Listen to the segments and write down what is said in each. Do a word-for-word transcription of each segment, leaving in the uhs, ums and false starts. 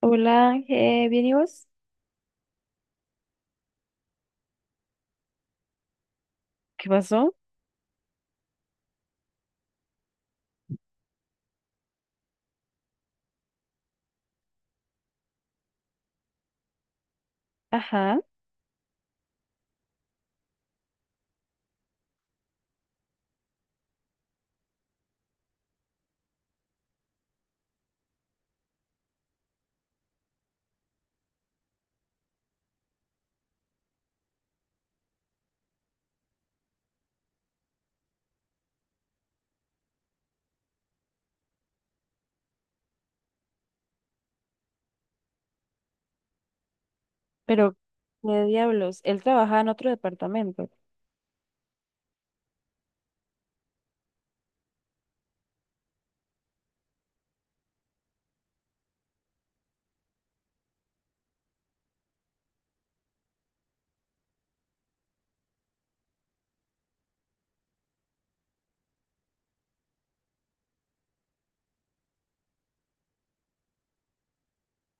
Hola, eh, ¿bien y vos? ¿Qué pasó? Ajá, pero qué diablos, él trabajaba en otro departamento.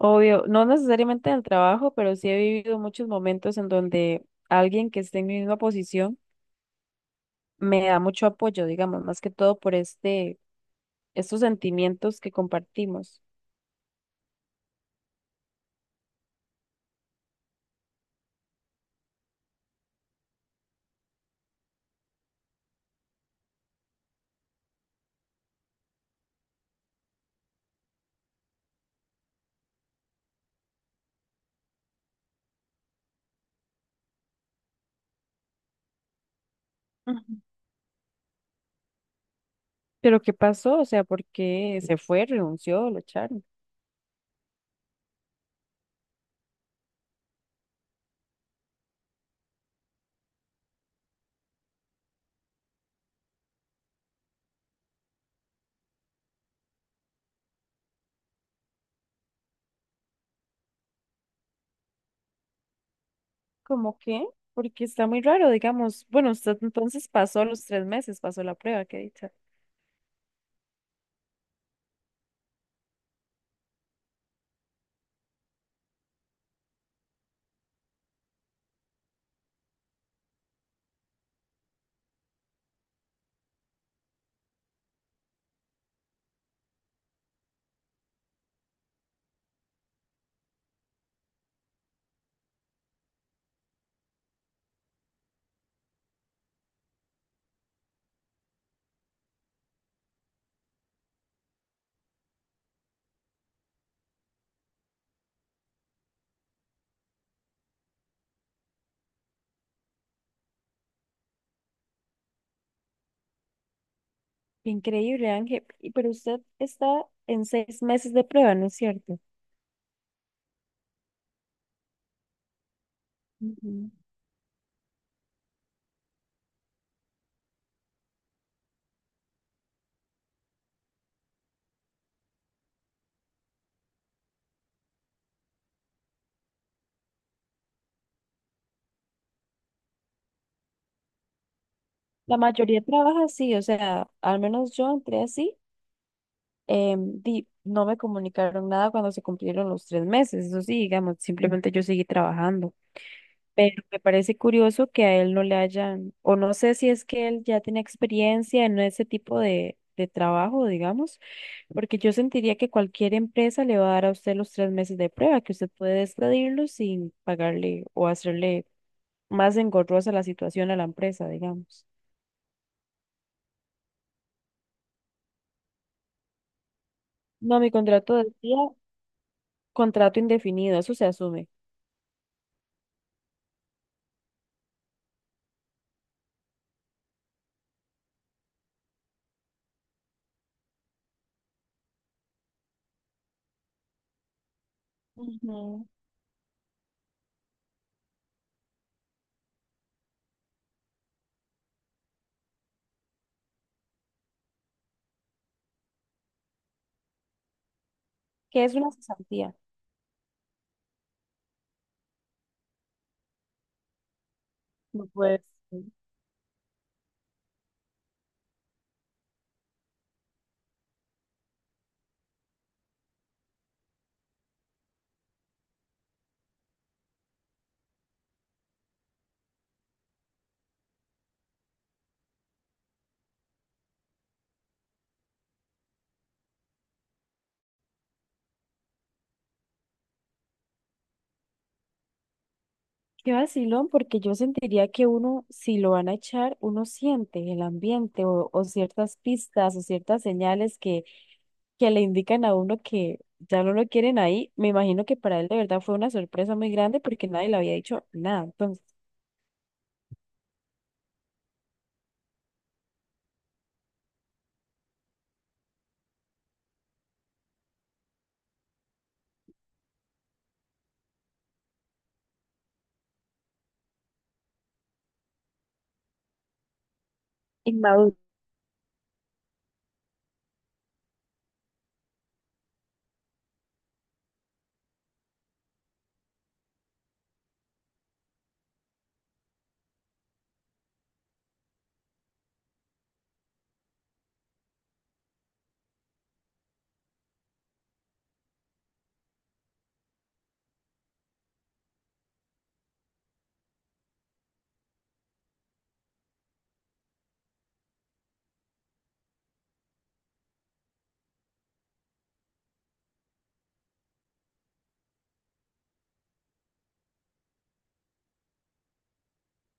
Obvio, no necesariamente en el trabajo, pero sí he vivido muchos momentos en donde alguien que esté en mi misma posición me da mucho apoyo, digamos, más que todo por este, estos sentimientos que compartimos. Ujú. Pero ¿qué pasó? O sea, ¿por qué se fue, renunció, lo echaron? ¿Cómo qué? Porque está muy raro, digamos. Bueno, usted entonces pasó los tres meses, pasó la prueba, qué dicha. Increíble, Ángel. Y... pero usted está en seis meses de prueba, ¿no es cierto? Ujú. La mayoría trabaja así, o sea, al menos yo entré así. Em, di- no me comunicaron nada cuando se cumplieron los tres meses, eso sí, digamos, simplemente yo seguí trabajando. Pero me parece curioso que a él no le hayan, o no sé si es que él ya tiene experiencia en ese tipo de, de trabajo, digamos, porque yo sentiría que cualquier empresa le va a dar a usted los tres meses de prueba, que usted puede despedirlo sin pagarle o hacerle más engorrosa la situación a la empresa, digamos. No, mi contrato decía contrato indefinido, eso se asume. Ujú. Que es una cesantía? No puede ser. Qué vacilón, porque yo sentiría que uno, si lo van a echar, uno siente el ambiente o, o ciertas pistas o ciertas señales que, que le indican a uno que ya no lo quieren ahí. Me imagino que para él de verdad fue una sorpresa muy grande porque nadie le había dicho nada. Entonces, inmaduro.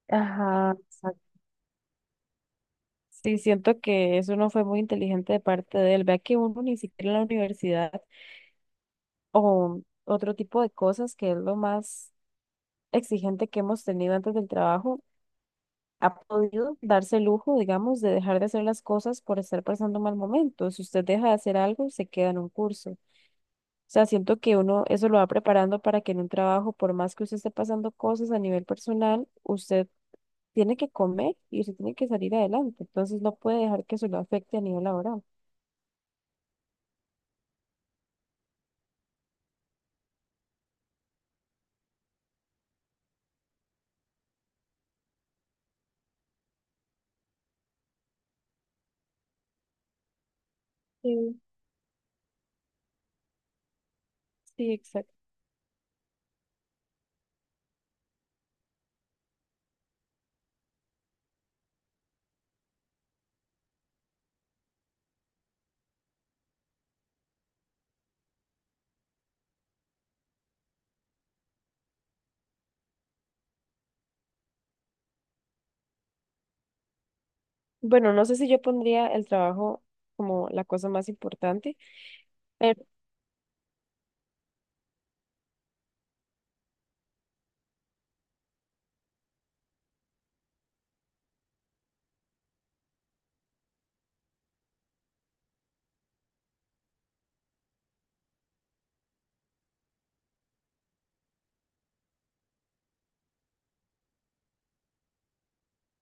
Ajá, exacto. Sí, siento que eso no fue muy inteligente de parte de él. Vea que uno ni siquiera en la universidad o otro tipo de cosas que es lo más exigente que hemos tenido antes del trabajo ha podido darse el lujo, digamos, de dejar de hacer las cosas por estar pasando un mal momento. Si usted deja de hacer algo, se queda en un curso. O sea, siento que uno eso lo va preparando para que en un trabajo, por más que usted esté pasando cosas a nivel personal, usted tiene que comer y usted tiene que salir adelante. Entonces no puede dejar que eso lo afecte a nivel laboral. Sí. Sí, exacto. Bueno, no sé si yo pondría el trabajo como la cosa más importante, pero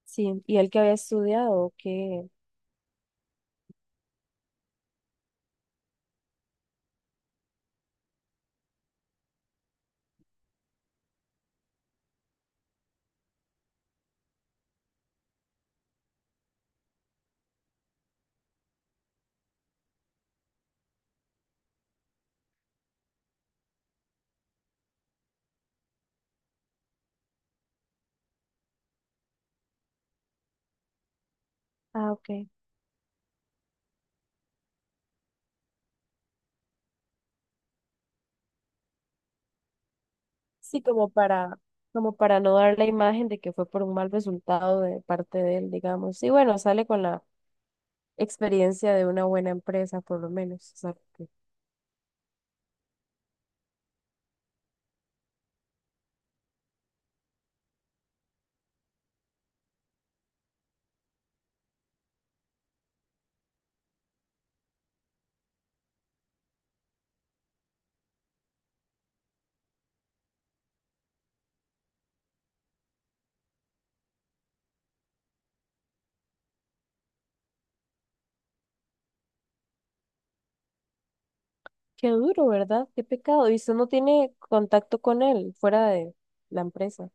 sí, y el que había estudiado, que... Ah, ok. Sí, como para, como para no dar la imagen de que fue por un mal resultado de parte de él, digamos. Y bueno, sale con la experiencia de una buena empresa, por lo menos. O sea, que... qué duro, ¿verdad? Qué pecado. Y usted no tiene contacto con él fuera de la empresa.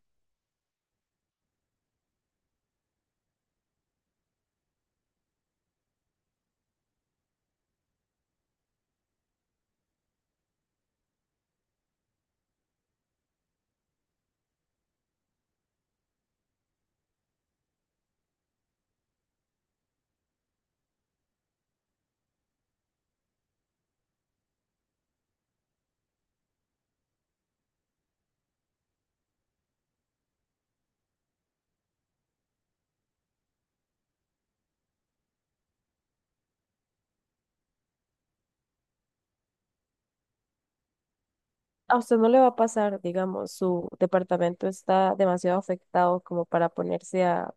A usted no le va a pasar, digamos, su departamento está demasiado afectado como para ponerse a,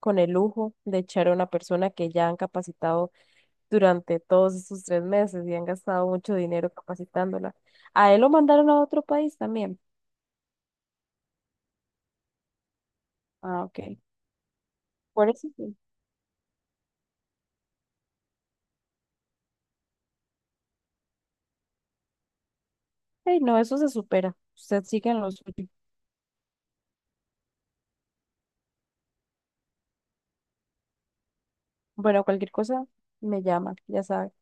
con el lujo de echar a una persona que ya han capacitado durante todos esos tres meses y han gastado mucho dinero capacitándola. A él lo mandaron a otro país también. Ah, ok. Por eso, sí. Ey, no, eso se supera. Usted sigue en lo suyo. Bueno, cualquier cosa me llama, ya sabe.